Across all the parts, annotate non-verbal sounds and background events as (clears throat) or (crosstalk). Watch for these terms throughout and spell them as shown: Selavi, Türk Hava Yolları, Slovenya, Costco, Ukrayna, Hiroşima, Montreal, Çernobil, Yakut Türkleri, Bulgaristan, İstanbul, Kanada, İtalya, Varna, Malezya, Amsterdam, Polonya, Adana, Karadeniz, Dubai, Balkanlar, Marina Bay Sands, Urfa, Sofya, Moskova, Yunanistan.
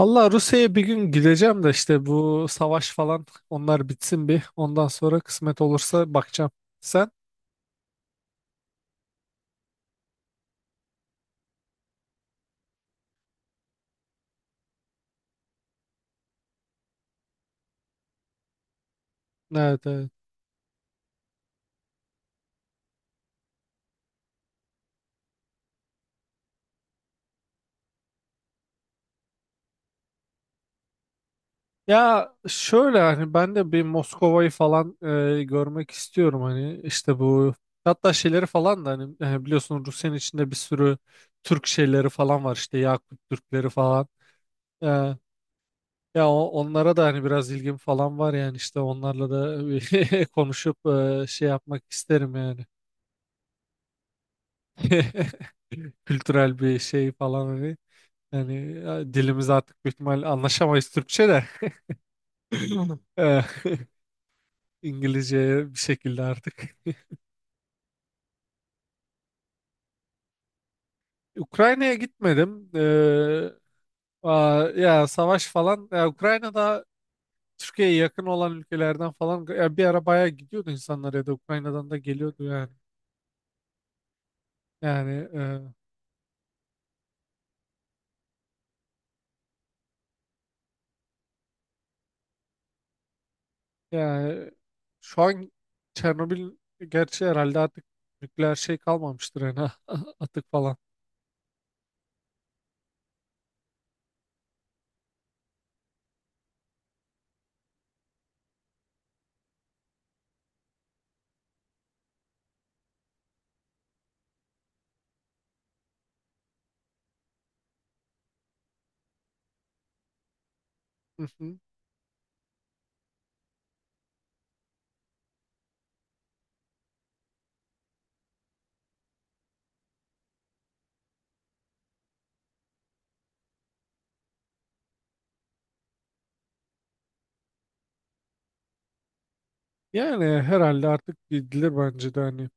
Valla Rusya'ya bir gün gideceğim de işte bu savaş falan onlar bitsin bir. Ondan sonra kısmet olursa bakacağım. Sen? Evet, evet. Ya şöyle hani ben de bir Moskova'yı falan görmek istiyorum hani işte bu hatta şeyleri falan da hani biliyorsun Rusya'nın içinde bir sürü Türk şeyleri falan var işte Yakut Türkleri falan. E, Ya onlara da hani biraz ilgim falan var yani işte onlarla da (laughs) konuşup şey yapmak isterim yani. (laughs) Kültürel bir şey falan hani. Yani ya, dilimiz artık büyük ihtimal anlaşamayız Türkçe de. (laughs) Eh, (laughs) İngilizceye bir şekilde artık. Ukrayna'ya gitmedim. Ya savaş falan. Ya, Ukrayna'da Türkiye'ye yakın olan ülkelerden falan ya, bir ara bayağı gidiyordu insanlar ya da Ukrayna'dan da geliyordu yani. Yani yani şu an Çernobil gerçi herhalde artık nükleer şey kalmamıştır yani (laughs) atık falan. (laughs) Yani herhalde artık bildirir bence de hani.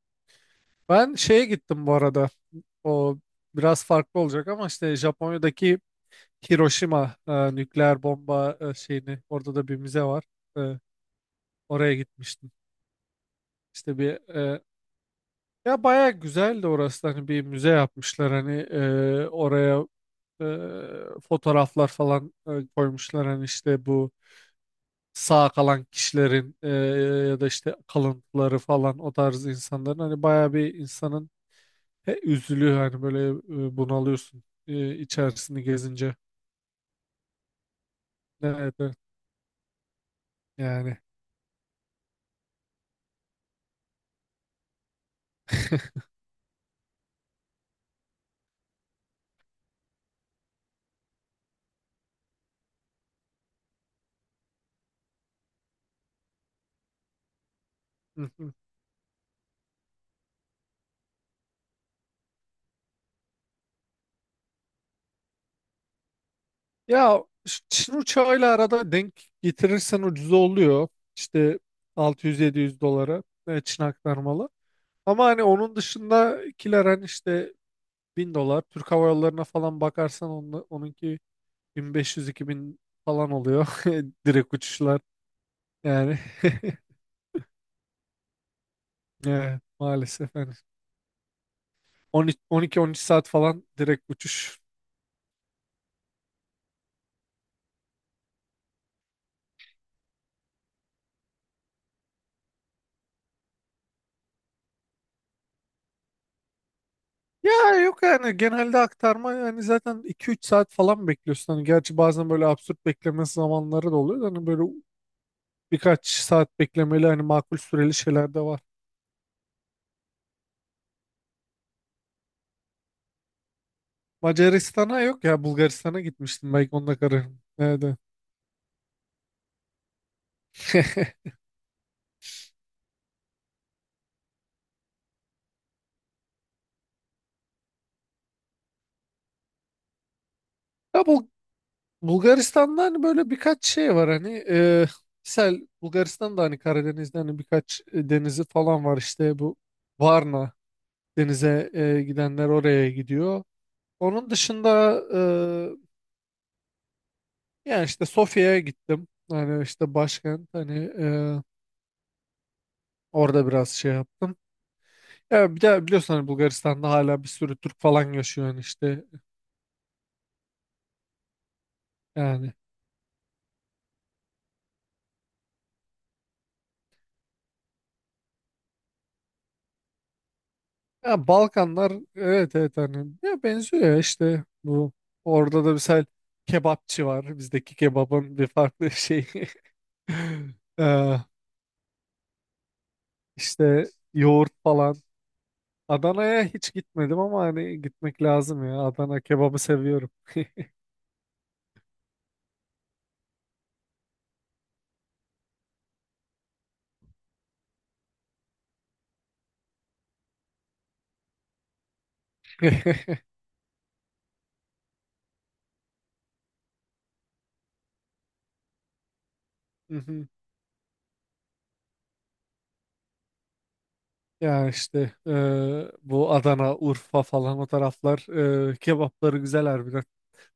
Ben şeye gittim bu arada. O biraz farklı olacak ama işte Japonya'daki Hiroşima nükleer bomba şeyini orada da bir müze var. E, Oraya gitmiştim. İşte bir ya baya güzeldi orası. Hani bir müze yapmışlar hani oraya fotoğraflar falan koymuşlar hani işte bu sağ kalan kişilerin, ya da işte kalıntıları falan o tarz insanların hani baya bir insanın. Üzülüyor hani böyle bunalıyorsun içerisini gezince. Evet, evet, yani. Hı hı. Ya Çin uçağıyla arada denk getirirsen ucuz oluyor. İşte 600-700 dolara Çin aktarmalı. Ama hani onun dışındakiler hani işte 1000 dolar. Türk Hava Yolları'na falan bakarsan onunla, onunki 1500-2000 falan oluyor. (laughs) Direkt uçuşlar yani. (laughs) Evet, maalesef hani 12-13 saat falan direkt uçuş. Ya yok yani genelde aktarma, yani zaten iki üç saat falan bekliyorsun. Hani gerçi bazen böyle absürt bekleme zamanları da oluyor da Hani böyle birkaç saat beklemeli hani makul süreli şeyler de var. Macaristan'a yok ya, Bulgaristan'a gitmiştim, belki onda kararım. Nerede? (laughs) Ya bu Bulgaristan'da hani böyle birkaç şey var hani e, misal Bulgaristan'da hani Karadeniz'de hani birkaç denizi falan var işte bu Varna denize gidenler oraya gidiyor. Onun dışında, yani işte Sofya'ya gittim. Hani işte başkent hani e, orada biraz şey yaptım. Ya bir de biliyorsun hani Bulgaristan'da hala bir sürü Türk falan yaşıyor hani işte yani. Ya Balkanlar, evet evet hani ya benziyor ya işte bu orada da mesela kebapçı var. Bizdeki kebabın bir farklı şeyi. (laughs) E, işte yoğurt falan. Adana'ya hiç gitmedim ama hani gitmek lazım ya. Adana kebabı seviyorum. (laughs) (laughs) Ya işte bu Adana, Urfa falan o taraflar kebapları güzel harbiden.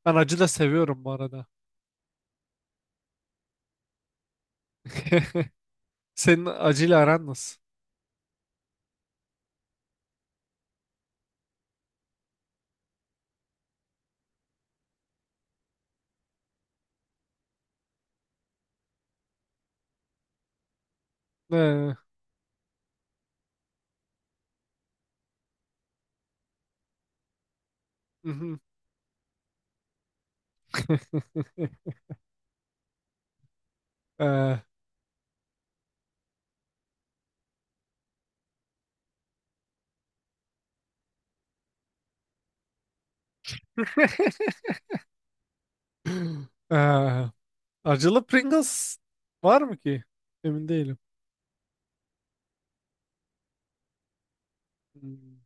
Ben acı da seviyorum bu arada. (laughs) Senin acıyla aran nasıl? Eee, mhm. (laughs) Eee, (laughs) eee, acılı Pringles var mı ki? Emin değilim. Hmm.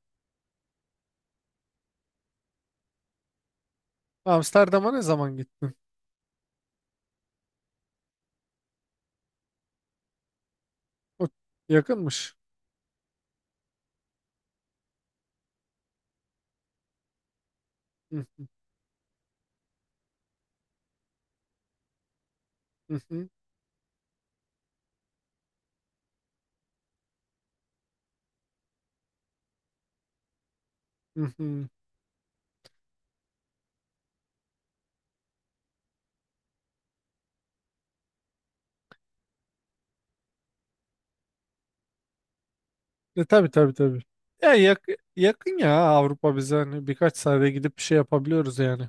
Amsterdam'a ne zaman gittin? O yakınmış. Mhm, mhm, mhm. E, tabii tabii tabii. Ya yakın ya Avrupa bize, hani birkaç saate gidip bir şey yapabiliyoruz yani.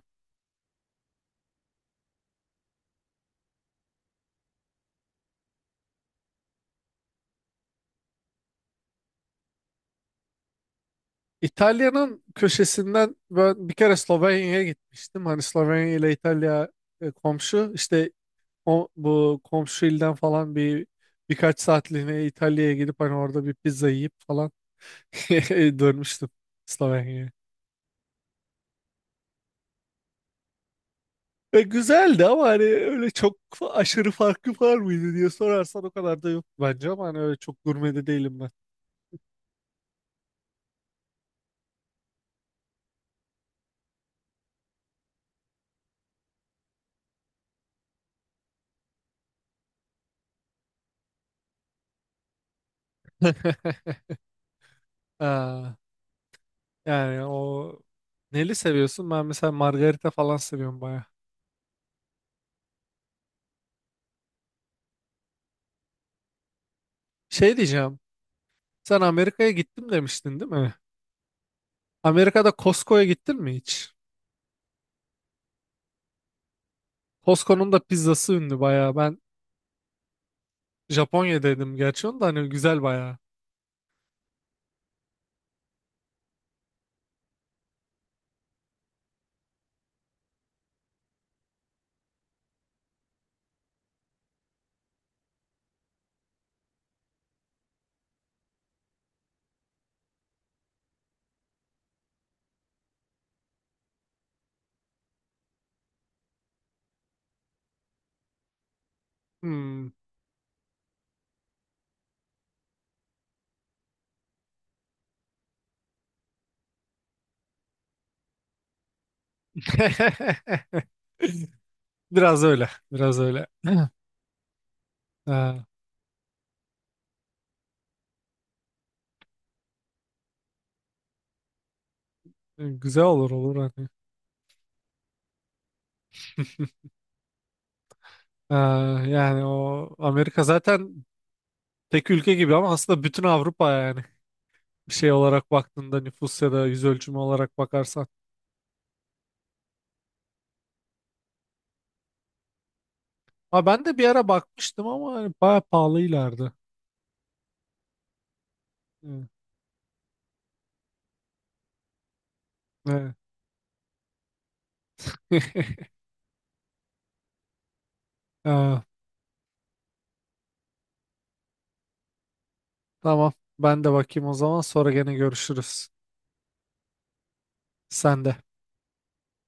İtalya'nın köşesinden ben bir kere Slovenya'ya gitmiştim. Hani Slovenya ile İtalya e, komşu. İşte bu komşu ilden falan birkaç saatliğine İtalya'ya gidip hani orada bir pizza yiyip falan (laughs) dönmüştüm Slovenya'ya. E, güzeldi ama hani öyle çok aşırı farkı var mıydı diye sorarsan o kadar da yok bence, ama hani öyle çok gurme de değilim ben. (laughs) Aa, yani o neli seviyorsun? Ben mesela margarita falan seviyorum baya. Şey diyeceğim. Sen Amerika'ya gittim demiştin değil mi? Amerika'da Costco'ya gittin mi hiç? Costco'nun da pizzası ünlü bayağı. Ben Japonya'daydım gerçi, onu da hani güzel bayağı. Hmm. (laughs) Biraz öyle. Biraz öyle. (clears throat) Ha, güzel olur olur hani. (laughs) Ha, yani o Amerika zaten tek ülke gibi ama aslında bütün Avrupa yani. Bir şey olarak baktığında nüfus ya da yüz ölçümü olarak bakarsan. Ha, ben de bir ara bakmıştım ama hani bayağı pahalıylardı. Evet. Evet. (laughs) Tamam. Ben de bakayım o zaman. Sonra gene görüşürüz. Sen de.